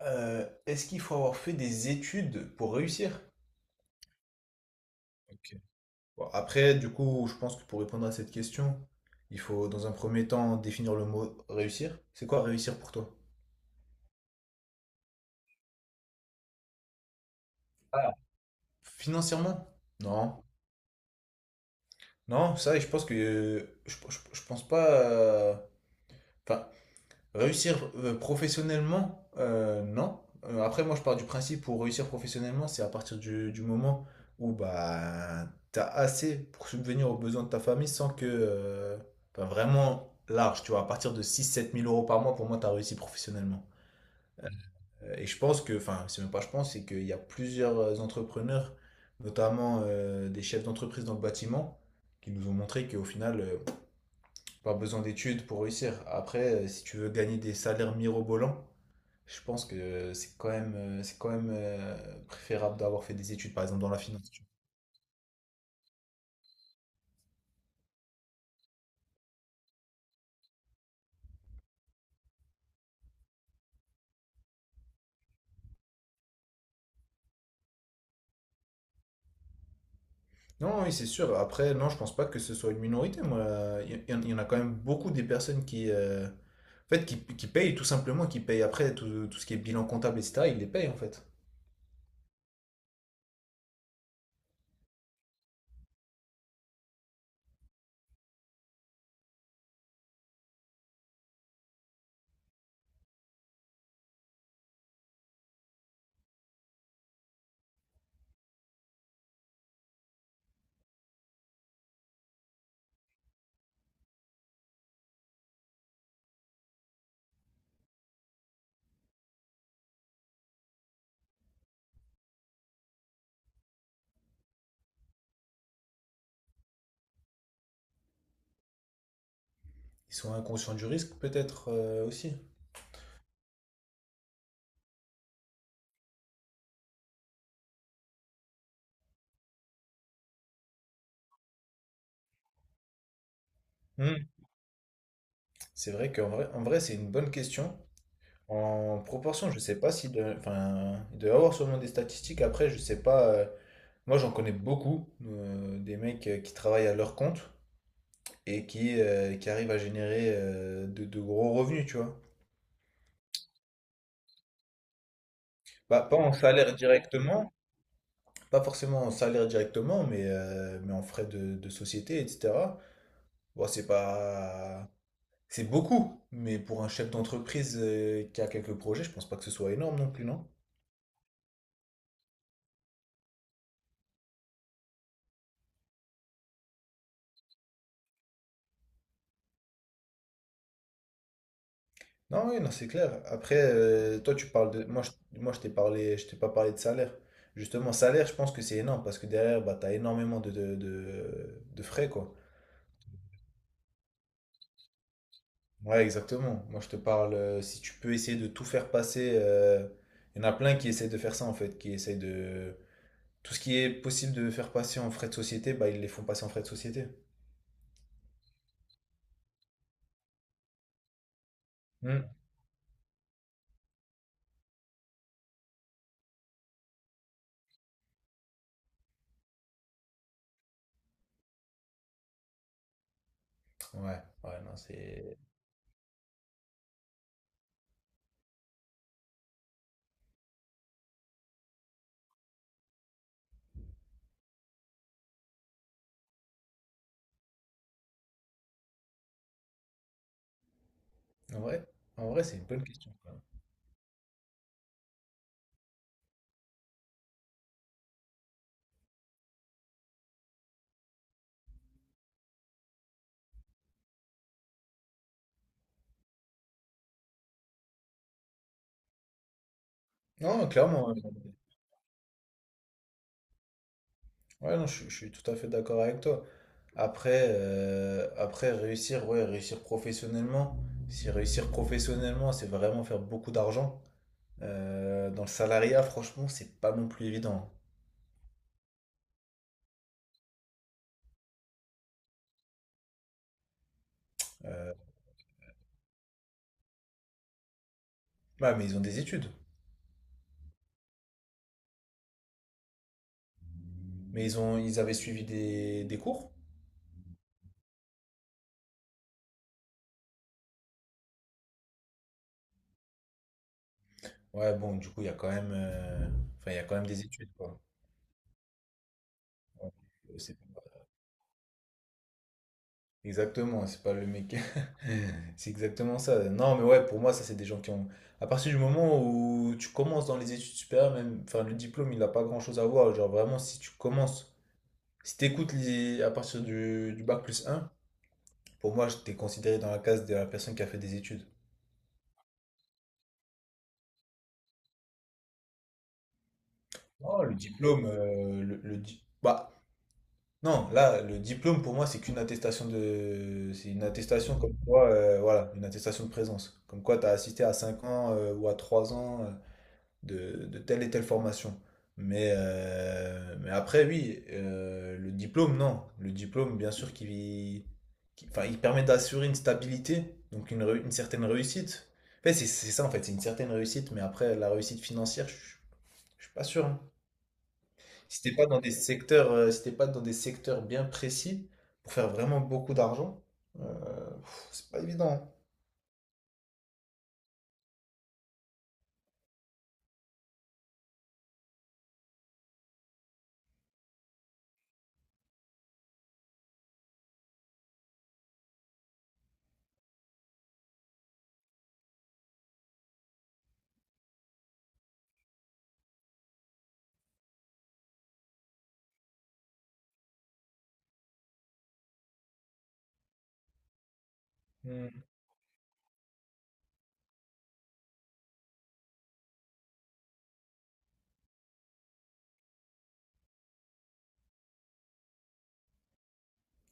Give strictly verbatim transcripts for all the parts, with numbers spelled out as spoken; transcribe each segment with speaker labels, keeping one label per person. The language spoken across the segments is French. Speaker 1: Euh, est-ce qu'il faut avoir fait des études pour réussir? Ok. Bon, après, du coup, je pense que pour répondre à cette question, il faut dans un premier temps définir le mot réussir. C'est quoi réussir pour toi? Ah. Financièrement? Non. Non, ça, je pense que je, je- je pense pas. euh, Enfin, Réussir euh, professionnellement, euh, non. Euh, après, moi, je pars du principe pour réussir professionnellement, c'est à partir du, du moment où bah, tu as assez pour subvenir aux besoins de ta famille sans que. euh, enfin, vraiment large, tu vois. À partir de six sept mille euros par mois, pour moi, tu as réussi professionnellement. Euh, et je pense que. Enfin, c'est même pas je pense, c'est qu'il y a plusieurs euh, entrepreneurs, notamment euh, des chefs d'entreprise dans le bâtiment, qui nous ont montré qu'au final, euh, pas besoin d'études pour réussir. Après, euh, si tu veux gagner des salaires mirobolants, je pense que c'est quand même, euh, c'est quand même euh, préférable d'avoir fait des études, par exemple, dans la finance. Tu vois. Non, oui, c'est sûr. Après, non, je pense pas que ce soit une minorité, moi. Il y, il y en a quand même beaucoup des personnes qui, euh, en fait, qui, qui payent, tout simplement, qui payent après tout, tout ce qui est bilan comptable, et cetera. Ils les payent, en fait. Ils sont inconscients du risque, peut-être euh, aussi. Hmm. C'est vrai qu'en vrai, en vrai, c'est une bonne question. En proportion, je sais pas si de, enfin, il doit y avoir sûrement des statistiques. Après, je sais pas. Euh, moi, j'en connais beaucoup euh, des mecs euh, qui travaillent à leur compte et qui, euh, qui arrivent à générer euh, de, de gros revenus, tu vois. Bah, pas en salaire directement, pas forcément en salaire directement, mais, euh, mais en frais de, de société, et cetera. Bon, c'est pas, c'est beaucoup, mais pour un chef d'entreprise euh, qui a quelques projets, je pense pas que ce soit énorme non plus, non? Non, oui, non, c'est clair. Après, euh, toi, tu parles de. Moi, je, moi, je t'ai parlé, je t'ai pas parlé de salaire. Justement, salaire, je pense que c'est énorme parce que derrière, bah, t'as énormément de, de, de, de frais, quoi. Ouais, exactement. Moi, je te parle, euh, si tu peux essayer de tout faire passer. euh, Il y en a plein qui essaient de faire ça, en fait, qui essaient de. Tout ce qui est possible de faire passer en frais de société, bah, ils les font passer en frais de société. Hmm. Ouais, ouais, non, c'est. En vrai, en vrai, c'est une bonne question, quoi. Non, clairement. Ouais. Ouais, non, je, suis je suis tout à fait d'accord avec toi. Après, euh, après réussir, ouais, réussir professionnellement. Si réussir professionnellement, c'est vraiment faire beaucoup d'argent. Euh, dans le salariat, franchement, c'est pas non plus évident. Ouais, mais ils ont des études. Mais ils ont, ils avaient suivi des, des cours. Ouais, bon, du coup, il y a quand même, euh, enfin, il y a quand même des études, quoi. Ouais, c'est- Exactement, c'est pas le mec. C'est exactement ça. Non, mais ouais, pour moi, ça, c'est des gens qui ont. À partir du moment où tu commences dans les études supérieures, même, enfin, le diplôme, il n'a pas grand-chose à voir. Genre, vraiment, si tu commences, si t'écoutes les... à partir du, du bac plus un pour moi, je t'ai considéré dans la case de la personne qui a fait des études. Oh, le diplôme, euh, le, le di- Bah, non, là, le diplôme, pour moi, c'est qu'une attestation de. C'est une attestation comme quoi, euh, voilà, une attestation de présence. Comme quoi, t'as assisté à cinq ans, euh, ou à trois ans. euh, de, de telle et telle formation. Mais, euh, mais après, oui, euh, le diplôme, non. Le diplôme, bien sûr, qui, qui- enfin, il permet d'assurer une stabilité, donc une, réu- une certaine réussite. En fait, c'est c'est ça, en fait, c'est une certaine réussite, mais après, la réussite financière, je, suis- je suis pas sûr. Hein. Si t'es pas dans des secteurs, euh, si t'es pas dans des secteurs bien précis, pour faire vraiment beaucoup d'argent, euh, pff, c'est pas évident. Hein.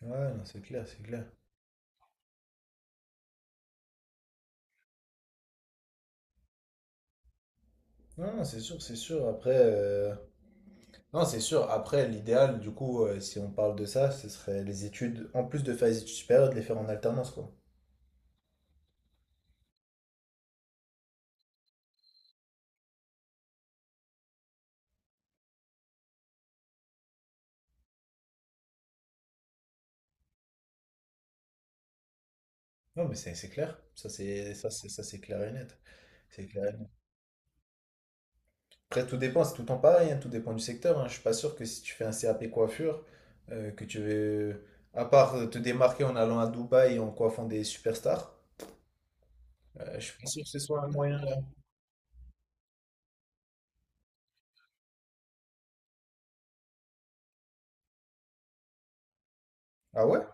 Speaker 1: Hmm. Ouais, non, c'est clair, c'est clair. Non, non, c'est sûr, c'est sûr. Après, euh, Non, c'est sûr. Après, l'idéal, du coup, euh, si on parle de ça, ce serait les études, en plus de faire les études supérieures, de les faire en alternance, quoi. Non, mais c'est c'est clair. Ça, c'est ça, c'est ça, c'est clair et net. C'est clair et net. Après, tout dépend, c'est tout le temps pareil, hein, tout dépend du secteur. Hein. Je suis pas sûr que si tu fais un C A P coiffure, euh, que tu veux, à part euh, te démarquer en allant à Dubaï et en coiffant des superstars, euh, je suis pas sûr que ce soit un moyen. Là. Ah ouais?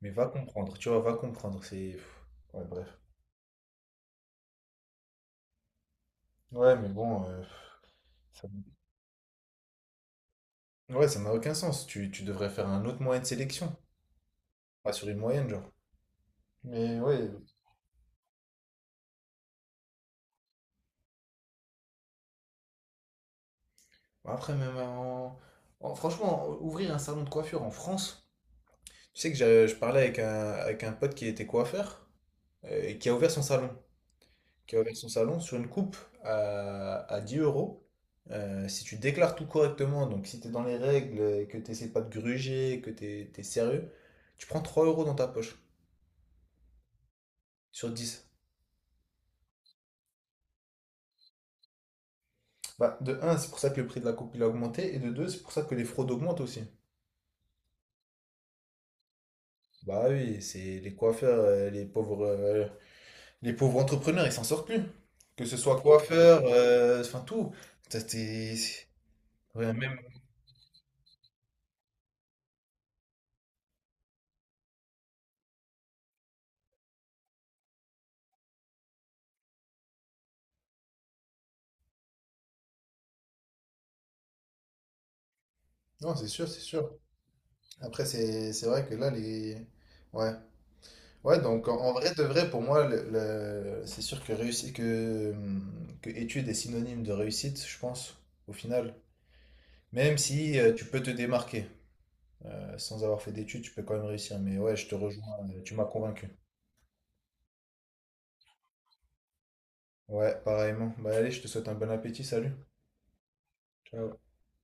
Speaker 1: Mais va comprendre, tu vois, va comprendre. C'est. pff, Ouais, bref. Ouais, mais bon, euh, ça- Ouais, ça n'a aucun sens. Tu, tu devrais faire un autre moyen de sélection. Pas sur une moyenne, genre. Mais ouais. Après, même en... en- Franchement, ouvrir un salon de coiffure en France. Tu sais que j'ai- je parlais avec un, avec un pote qui était coiffeur euh, et qui a ouvert son salon. Qui a ouvert son salon sur une coupe à, à dix euros. Euh, si tu déclares tout correctement, donc si tu es dans les règles, et que tu n'essaies pas de gruger, que tu es, sérieux, tu prends trois euros dans ta poche sur dix. Bah, de un, c'est pour ça que le prix de la coupe il a augmenté, et de deux, c'est pour ça que les fraudes augmentent aussi. Bah oui, c'est les coiffeurs, euh, les pauvres, euh, les pauvres entrepreneurs, ils s'en sortent plus. Que ce soit coiffeur, euh, enfin tout. Ça, c'est- ouais, même. Non, c'est sûr, c'est sûr. Après, c'est c'est vrai que là, les. Ouais. Ouais, donc en, en vrai de vrai, pour moi, le- le- c'est sûr que réussite, que, hum, que étude est synonyme de réussite, je pense, au final. Même si euh, tu peux te démarquer. Euh, Sans avoir fait d'études, tu peux quand même réussir. Mais ouais, je te rejoins, euh, tu m'as convaincu. Ouais, pareillement. Bah allez, je te souhaite un bon appétit, salut. Ciao.